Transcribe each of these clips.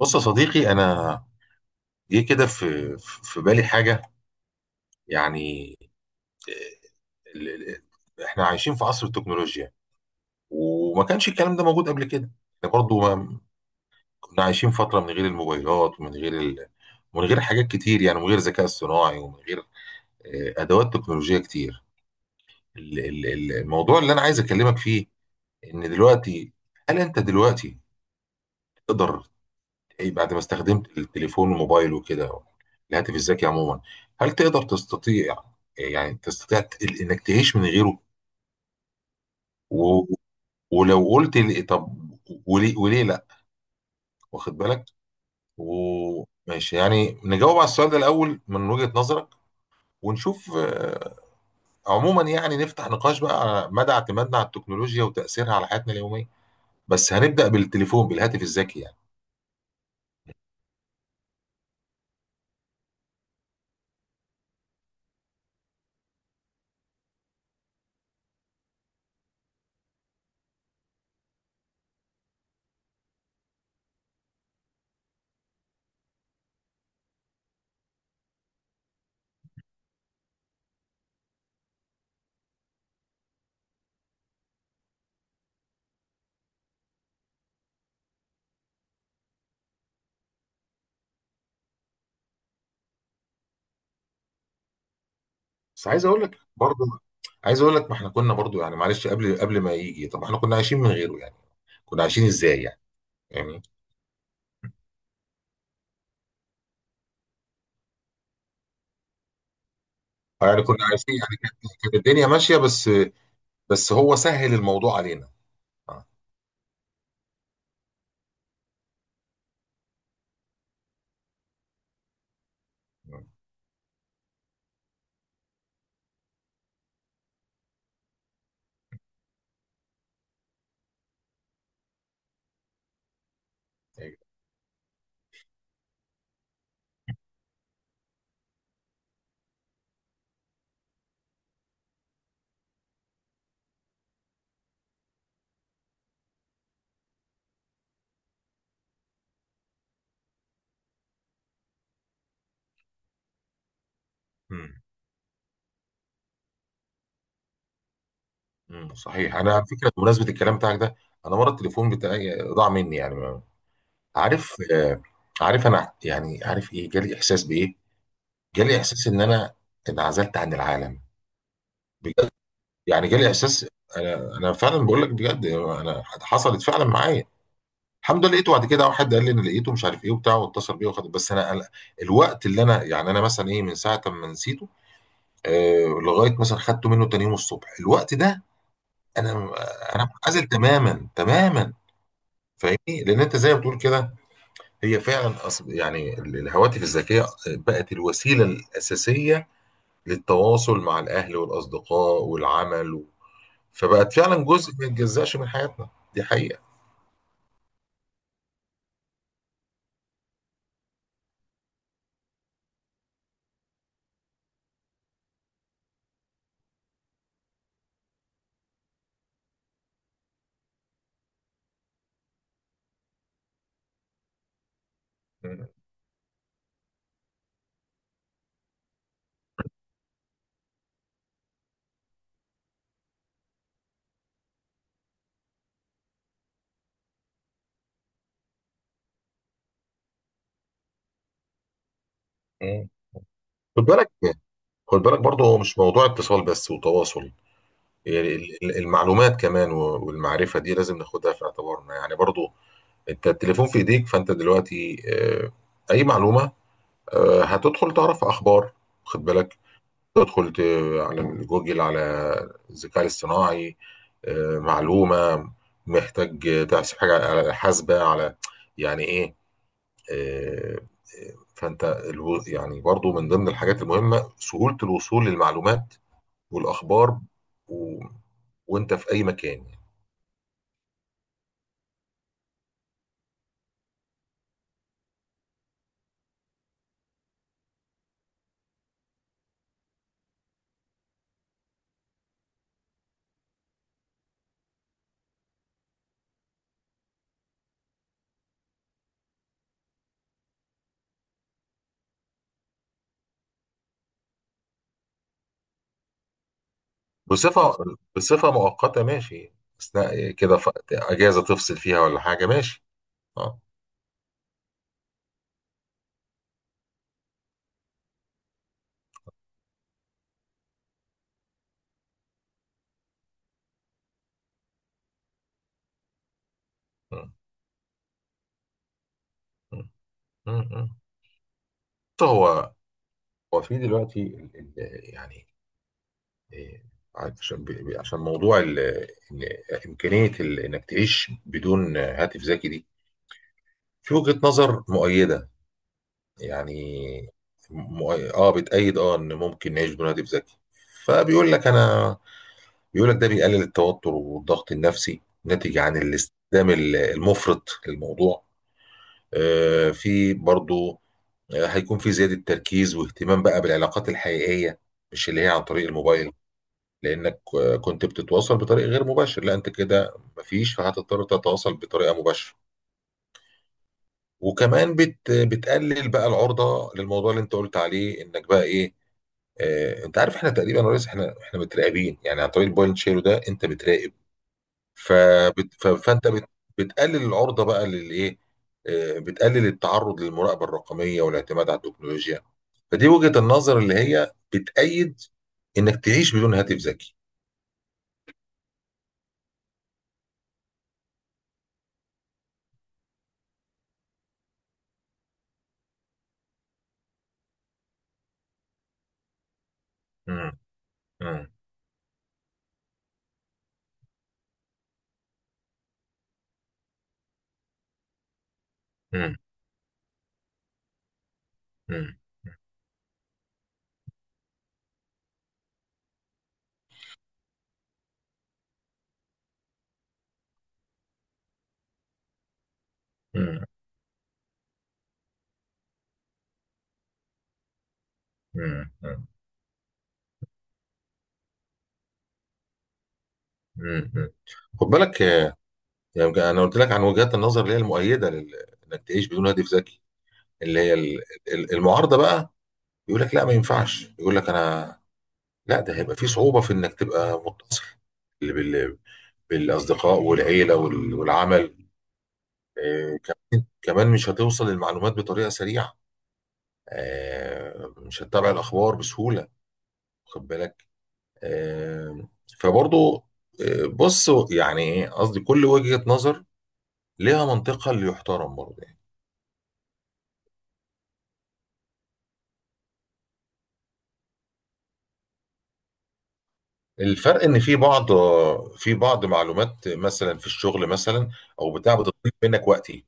بص يا صديقي، انا جه كده في بالي حاجه. يعني آه، ال- ال- احنا عايشين في عصر التكنولوجيا، وما كانش الكلام ده موجود قبل كده. احنا برضو ما كنا عايشين فتره من غير الموبايلات ومن غير من غير حاجات كتير، يعني من غير ذكاء اصطناعي ومن غير ادوات تكنولوجيه كتير. الموضوع اللي انا عايز اكلمك فيه ان دلوقتي، هل انت دلوقتي تقدر إيه بعد ما استخدمت التليفون والموبايل وكده، الهاتف الذكي عموما، هل تقدر تستطيع، يعني تستطيع انك تعيش من غيره؟ و... ولو قلت لي طب وليه لا، واخد بالك؟ وماشي، يعني نجاوب على السؤال ده الاول من وجهة نظرك ونشوف عموما، يعني نفتح نقاش بقى على مدى اعتمادنا على التكنولوجيا وتأثيرها على حياتنا اليومية، بس هنبدأ بالتليفون، بالهاتف الذكي يعني. بس عايز اقول لك برضه، عايز اقول لك ما احنا كنا برضه، يعني معلش، قبل ما يجي طب احنا كنا عايشين من غيره، يعني كنا عايشين ازاي يعني؟ يعني يعني كنا عايشين يعني، كانت الدنيا ماشيه، بس بس هو سهل الموضوع علينا. اه. مم. أيوة. مم. مم. صحيح، انا على فكره بمناسبه الكلام بتاعك ده، انا مره التليفون بتاعي ضاع مني، يعني عارف، عارف انا يعني عارف ايه جالي احساس بايه؟ جالي احساس ان انا انعزلت عن العالم، بجد. يعني جالي احساس انا فعلا بقول لك بجد، انا حصلت فعلا معايا. الحمد لله لقيته بعد كده، واحد قال لي انا لقيته مش عارف ايه وبتاع، واتصل بيه وخد. بس انا الوقت اللي انا، يعني انا مثلا ايه من ساعه ما نسيته لغايه مثلا خدته منه تاني يوم الصبح، الوقت ده انا انا منعزل تماما تماما، فاهمني؟ لان انت زي ما بتقول كده، هي فعلا يعني الهواتف الذكيه بقت الوسيله الاساسيه للتواصل مع الاهل والاصدقاء والعمل فبقت فعلا جزء ما يتجزاش من حياتنا، دي حقيقه. م- م. خد بالك، خد بالك برضه، هو مش موضوع اتصال بس وتواصل، يعني المعلومات كمان والمعرفة دي لازم ناخدها في اعتبارنا، يعني برضه انت التليفون في ايديك، فانت دلوقتي اي معلومة هتدخل تعرف اخبار، خد بالك، تدخل على جوجل، على الذكاء الاصطناعي معلومة، محتاج تحسب حاجة على حاسبة، على يعني ايه آه، فانت يعني برضه، من ضمن الحاجات المهمة سهولة الوصول للمعلومات والاخبار و... وانت في اي مكان يعني. بصفه بصفه مؤقته، ماشي، اثناء كده اجازه تفصل فيها ولا حاجه، ماشي. اه. م- م- م- م. بص، هو هو في دلوقتي يعني إيه، عشان عشان موضوع إن امكانيه انك تعيش بدون هاتف ذكي دي، في وجهه نظر مؤيده، يعني اه، بتأيد، اه، ان ممكن نعيش بدون هاتف ذكي. فبيقول لك انا، بيقول لك ده بيقلل التوتر والضغط النفسي، ناتج عن الاستخدام المفرط للموضوع. في برضو هيكون في زيادة تركيز واهتمام بقى بالعلاقات الحقيقية، مش اللي هي عن طريق الموبايل، لأنك كنت بتتواصل بطريق غير مباشر، لا أنت كده مفيش، فهتضطر تتواصل بطريقة مباشرة. وكمان بتقلل بقى العرضة للموضوع اللي أنت قلت عليه إنك بقى إيه، أنت عارف إحنا تقريبا يا ريس، إحنا متراقبين يعني عن طريق البوينت شيرو ده، أنت بتراقب. فبت... ف- فانت بت... بتقلل العرضه بقى للايه، بتقلل التعرض للمراقبه الرقميه والاعتماد على التكنولوجيا. فدي وجهه النظر اللي هي بتأيد انك تعيش بدون هاتف ذكي. مم، مم، مم، مم، مم، مم، مم، مم. خد بالك، يعني انا قلت لك عن وجهات النظر اللي هي المؤيده انك تعيش بدون هاتف ذكي. اللي هي المعارضه بقى، يقول لك لا ما ينفعش، يقول لك انا لا ده هيبقى فيه صعوبة في انك تبقى متصل بال- بال- بالاصدقاء والعيلة والعمل. كمان كمان مش هتوصل للمعلومات بطريقة سريعة، مش هتتابع الاخبار بسهولة، واخد بالك؟ آه، فبرضو بص يعني ايه قصدي، كل وجهة نظر لها منطقها اللي يحترم برضه يعني. الفرق ان في بعض، في بعض معلومات مثلا في الشغل مثلا، او بتاع بتطلب منك وقتي.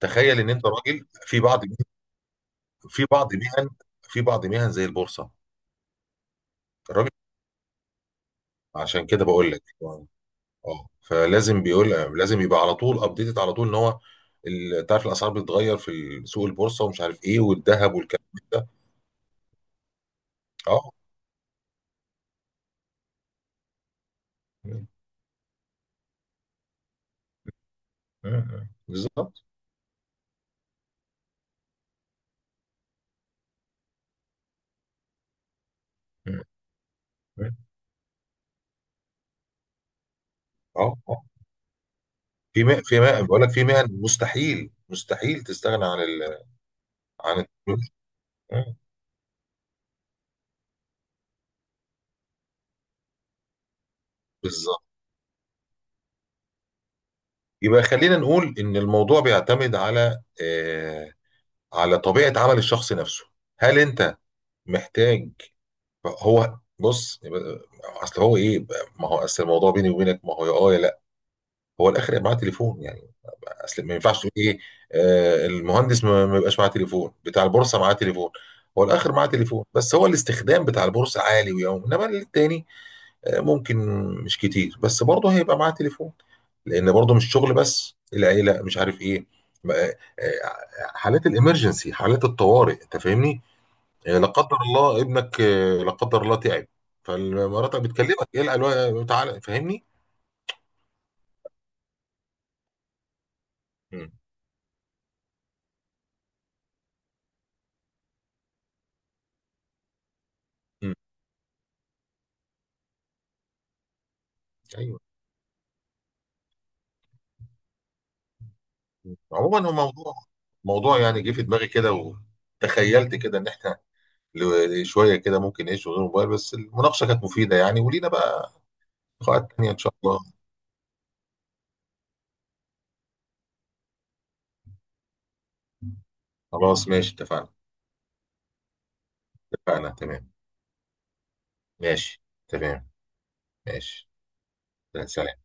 تخيل ان انت راجل في بعض، في بعض مهن، في بعض مهن زي البورصه، الراجل عشان كده بقول لك اه، فلازم بيقول، لازم يبقى على طول ابديتد على طول ان هو تعرف الاسعار بتتغير في سوق البورصه ومش عارف ايه والذهب والكلام ده. اه. مم. مم. بالظبط. مم. مم. اه، اه، بقول لك في مهن، مستحيل مستحيل تستغنى عن التكنولوجيا. مم. بالظبط. يبقى خلينا نقول ان الموضوع بيعتمد على على طبيعه عمل الشخص نفسه. هل انت محتاج، هو بص اصل هو ايه ما هو اصل الموضوع، بيني وبينك، ما هو يا اه يا لا، هو الاخر يبقى معاه تليفون يعني. اصل ما ينفعش تقول ايه، المهندس ما يبقاش معاه تليفون، بتاع البورصه معاه تليفون، هو الاخر معاه تليفون، بس هو الاستخدام بتاع البورصه عالي، ويوم انما التاني ممكن مش كتير، بس برضه هيبقى معاه تليفون، لان برضه مش شغل بس، العيله مش عارف ايه ما- آه، آه، حالات الامرجنسي، حالات الطوارئ، انت فاهمني؟ يعني لا قدر الله ابنك لا قدر الله تعب، فمراتك بتكلمك، ايه الالوان تعالى، فاهمني؟ مم. مم. ايوه. مم. عموما هو موضوع يعني جه في دماغي كده وتخيلت كده ان احنا شويه كده ممكن نعيش من غير موبايل، بس المناقشه كانت مفيده يعني، ولينا بقى لقاءات تانيه ان شاء الله. خلاص ماشي اتفقنا. اتفقنا تمام. ماشي. تمام. ماشي. سلام سلام.